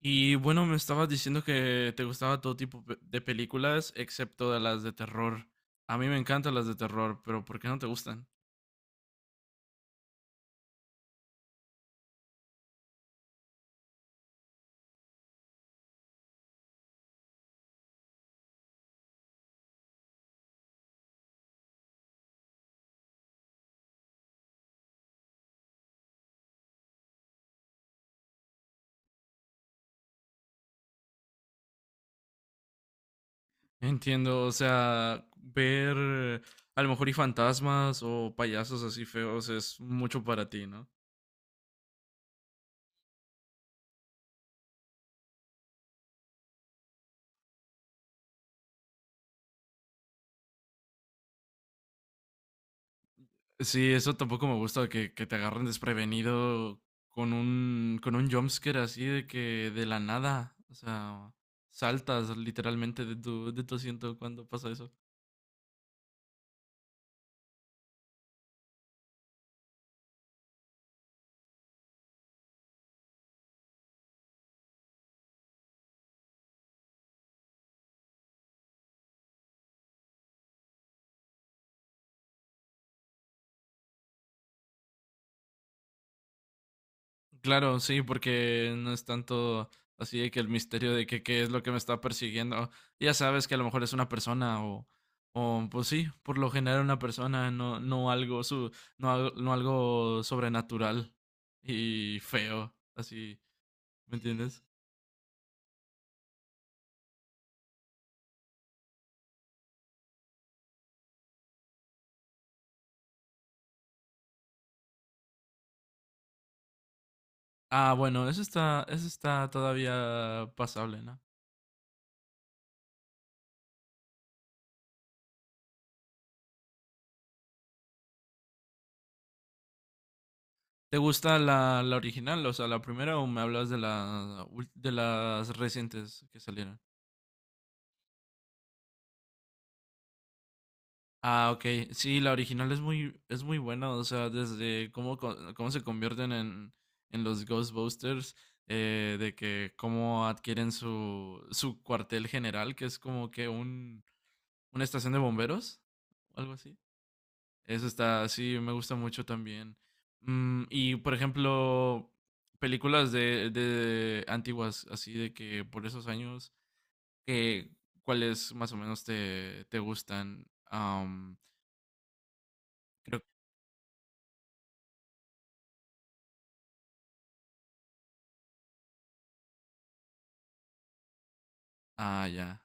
Y bueno, me estabas diciendo que te gustaba todo tipo de películas, excepto de las de terror. A mí me encantan las de terror, pero ¿por qué no te gustan? Entiendo, o sea, ver a lo mejor y fantasmas o payasos así feos es mucho para ti, ¿no? Sí, eso tampoco me gusta que te agarren desprevenido con un jumpscare así de que de la nada, o sea, saltas literalmente de tu asiento cuando pasa eso. Claro, sí, porque no es tanto así de que el misterio de que qué es lo que me está persiguiendo. Ya sabes que a lo mejor es una persona o pues sí, por lo general una persona, no, no algo no, no algo sobrenatural y feo, así, ¿me entiendes? Ah, bueno, eso está todavía pasable, ¿no? ¿Te gusta la original, o sea, la primera, o me hablas de la de las recientes que salieron? Ah, ok. Sí, la original es es muy buena. O sea, desde cómo se convierten en los Ghostbusters, de que cómo adquieren su cuartel general, que es como que un, una estación de bomberos, o algo así. Eso está, sí, me gusta mucho también. Y, por ejemplo, películas de antiguas, así de que por esos años, que, ¿cuáles más o menos te gustan? Ah, ya.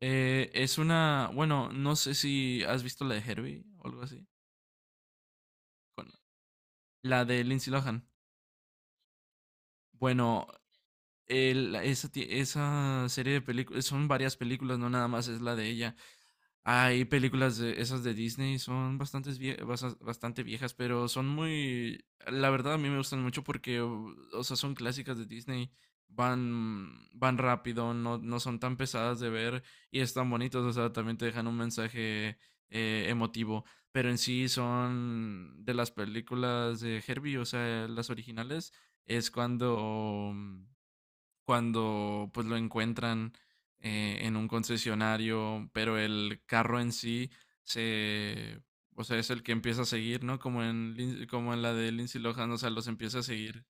Es una, bueno, no sé si has visto la de Herbie o algo así. con- la de Lindsay Lohan. Bueno, esa, esa serie de películas, son varias películas, no nada más es la de ella. Hay películas de esas de Disney, son bastante viejas, pero son muy, la verdad a mí me gustan mucho porque, o sea, son clásicas de Disney, van rápido, no son tan pesadas de ver y están bonitas, o sea, también te dejan un mensaje emotivo, pero en sí son de las películas de Herbie, o sea, las originales, es cuando pues lo encuentran en un concesionario, pero el carro en sí se, o sea, es el que empieza a seguir, ¿no? Como en, como en la de Lindsay Lohan, o sea, los empieza a seguir.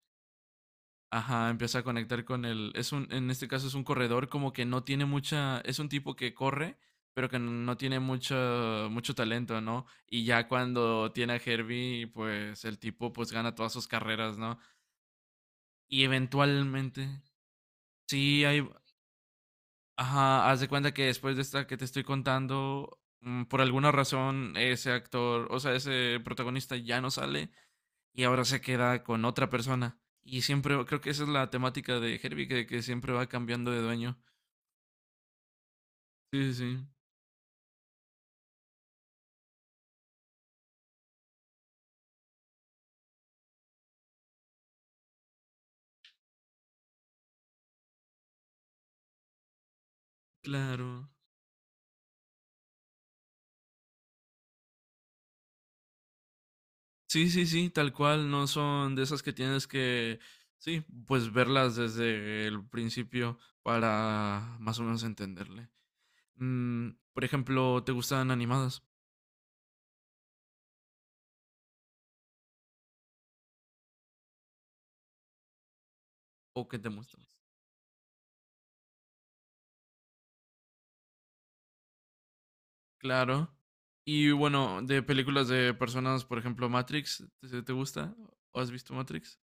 Ajá, empieza a conectar con el, es un, en este caso es un corredor como que no tiene mucha, es un tipo que corre, pero que no tiene mucho talento, ¿no? Y ya cuando tiene a Herbie, pues el tipo pues gana todas sus carreras, ¿no? Y eventualmente, sí, hay, ajá, haz de cuenta que después de esta que te estoy contando, por alguna razón ese actor, o sea, ese protagonista ya no sale y ahora se queda con otra persona. Y siempre, creo que esa es la temática de Herbie, que siempre va cambiando de dueño. Sí, sí, claro. Sí, sí, sí, tal cual, no son de esas que tienes que, sí, pues verlas desde el principio para más o menos entenderle. Mm, por ejemplo, ¿te gustan animadas o qué te gustan? Claro. Y bueno, de películas de personas, por ejemplo, Matrix, ¿te, te gusta? ¿O has visto Matrix?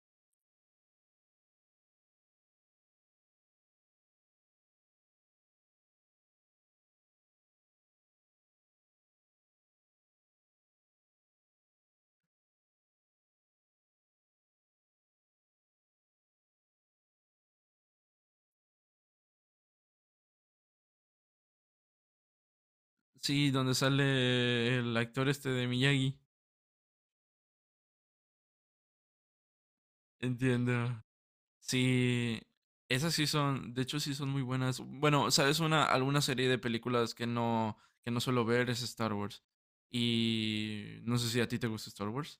Sí, donde sale el actor este de Miyagi. Entiendo. Sí, esas sí son, de hecho sí son muy buenas. Bueno, sabes una alguna serie de películas que no suelo ver es Star Wars. Y no sé si a ti te gusta Star Wars.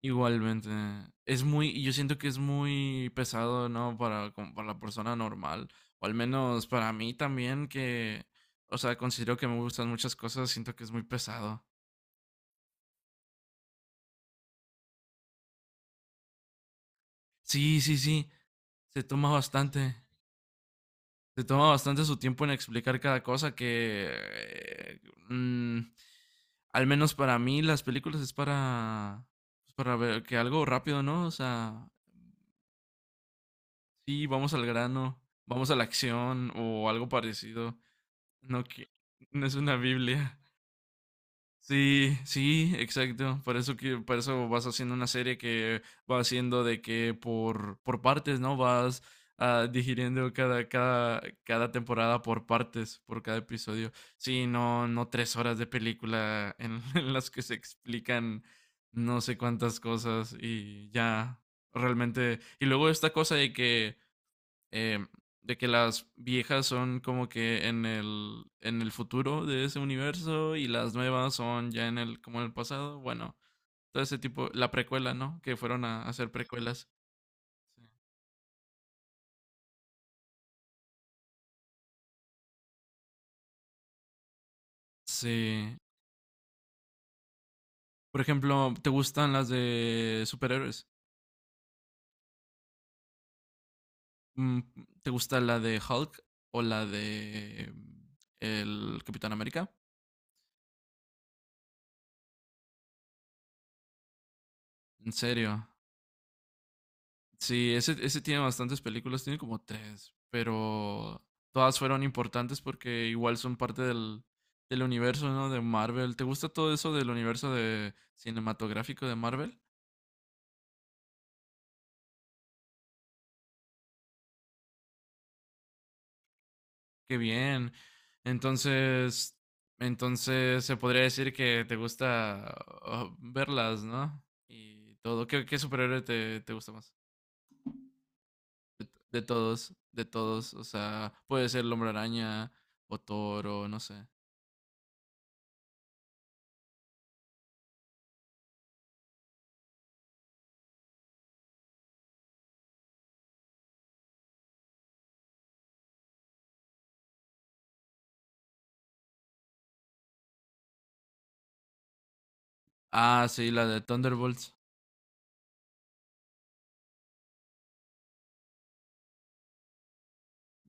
Igualmente. Es muy, yo siento que es muy pesado, ¿no? Para, como para la persona normal. O al menos para mí también, que, o sea, considero que me gustan muchas cosas, siento que es muy pesado. Sí, sí, sí. Se toma bastante. Se toma bastante su tiempo en explicar cada cosa que... mm, al menos para mí las películas es para... pues, para ver que algo rápido, ¿no? O sea, sí, vamos al grano, vamos a la acción o algo parecido. No, que no es una Biblia. Sí, sí, exacto. Por eso que, por eso vas haciendo una serie que va haciendo de que por partes, ¿no? Vas digiriendo cada temporada por partes, por cada episodio. Sí, no, no tres horas de película en, en las que se explican no sé cuántas cosas y ya realmente. Y luego esta cosa eh, de que las viejas son como que en en el futuro de ese universo y las nuevas son ya en el, como en el pasado. Bueno, todo ese tipo, la precuela, ¿no? Que fueron a hacer precuelas. Sí. Por ejemplo, ¿te gustan las de superhéroes? Mm, ¿te gusta la de Hulk o la de el Capitán América? ¿En serio? Sí, ese tiene bastantes películas, tiene como tres, pero todas fueron importantes porque igual son parte del universo, ¿no? De Marvel. ¿Te gusta todo eso del universo de cinematográfico de Marvel? Qué bien. Entonces, entonces se podría decir que te gusta verlas, ¿no? Y todo. ¿Qué, qué superhéroe te gusta más? De todos, de todos. O sea, puede ser el Hombre Araña o Thor o no sé. Ah, sí, la de Thunderbolts.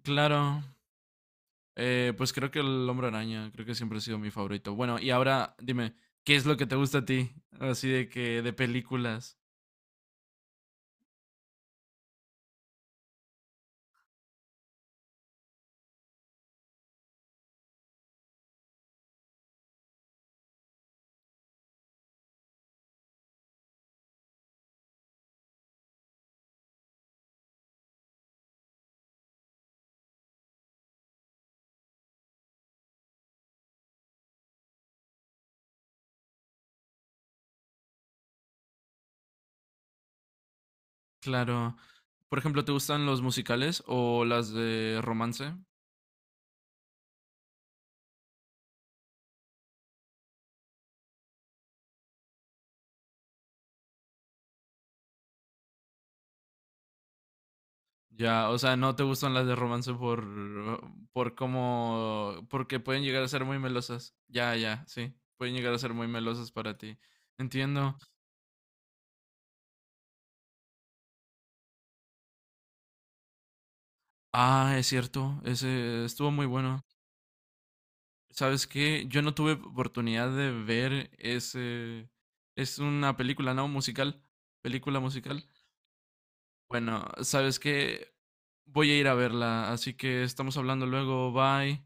Claro, pues creo que el Hombre Araña, creo que siempre ha sido mi favorito. Bueno, y ahora dime, ¿qué es lo que te gusta a ti? Así de que de películas. Claro. Por ejemplo, ¿te gustan los musicales o las de romance? Ya, o sea, no te gustan las de romance por cómo porque pueden llegar a ser muy melosas. Ya, ya, sí. Pueden llegar a ser muy melosas para ti. Entiendo. Ah, es cierto. Ese estuvo muy bueno. ¿Sabes qué? Yo no tuve oportunidad de ver ese... Es una película, ¿no? Musical. Película musical. Bueno, ¿sabes qué? Voy a ir a verla, así que estamos hablando luego. Bye.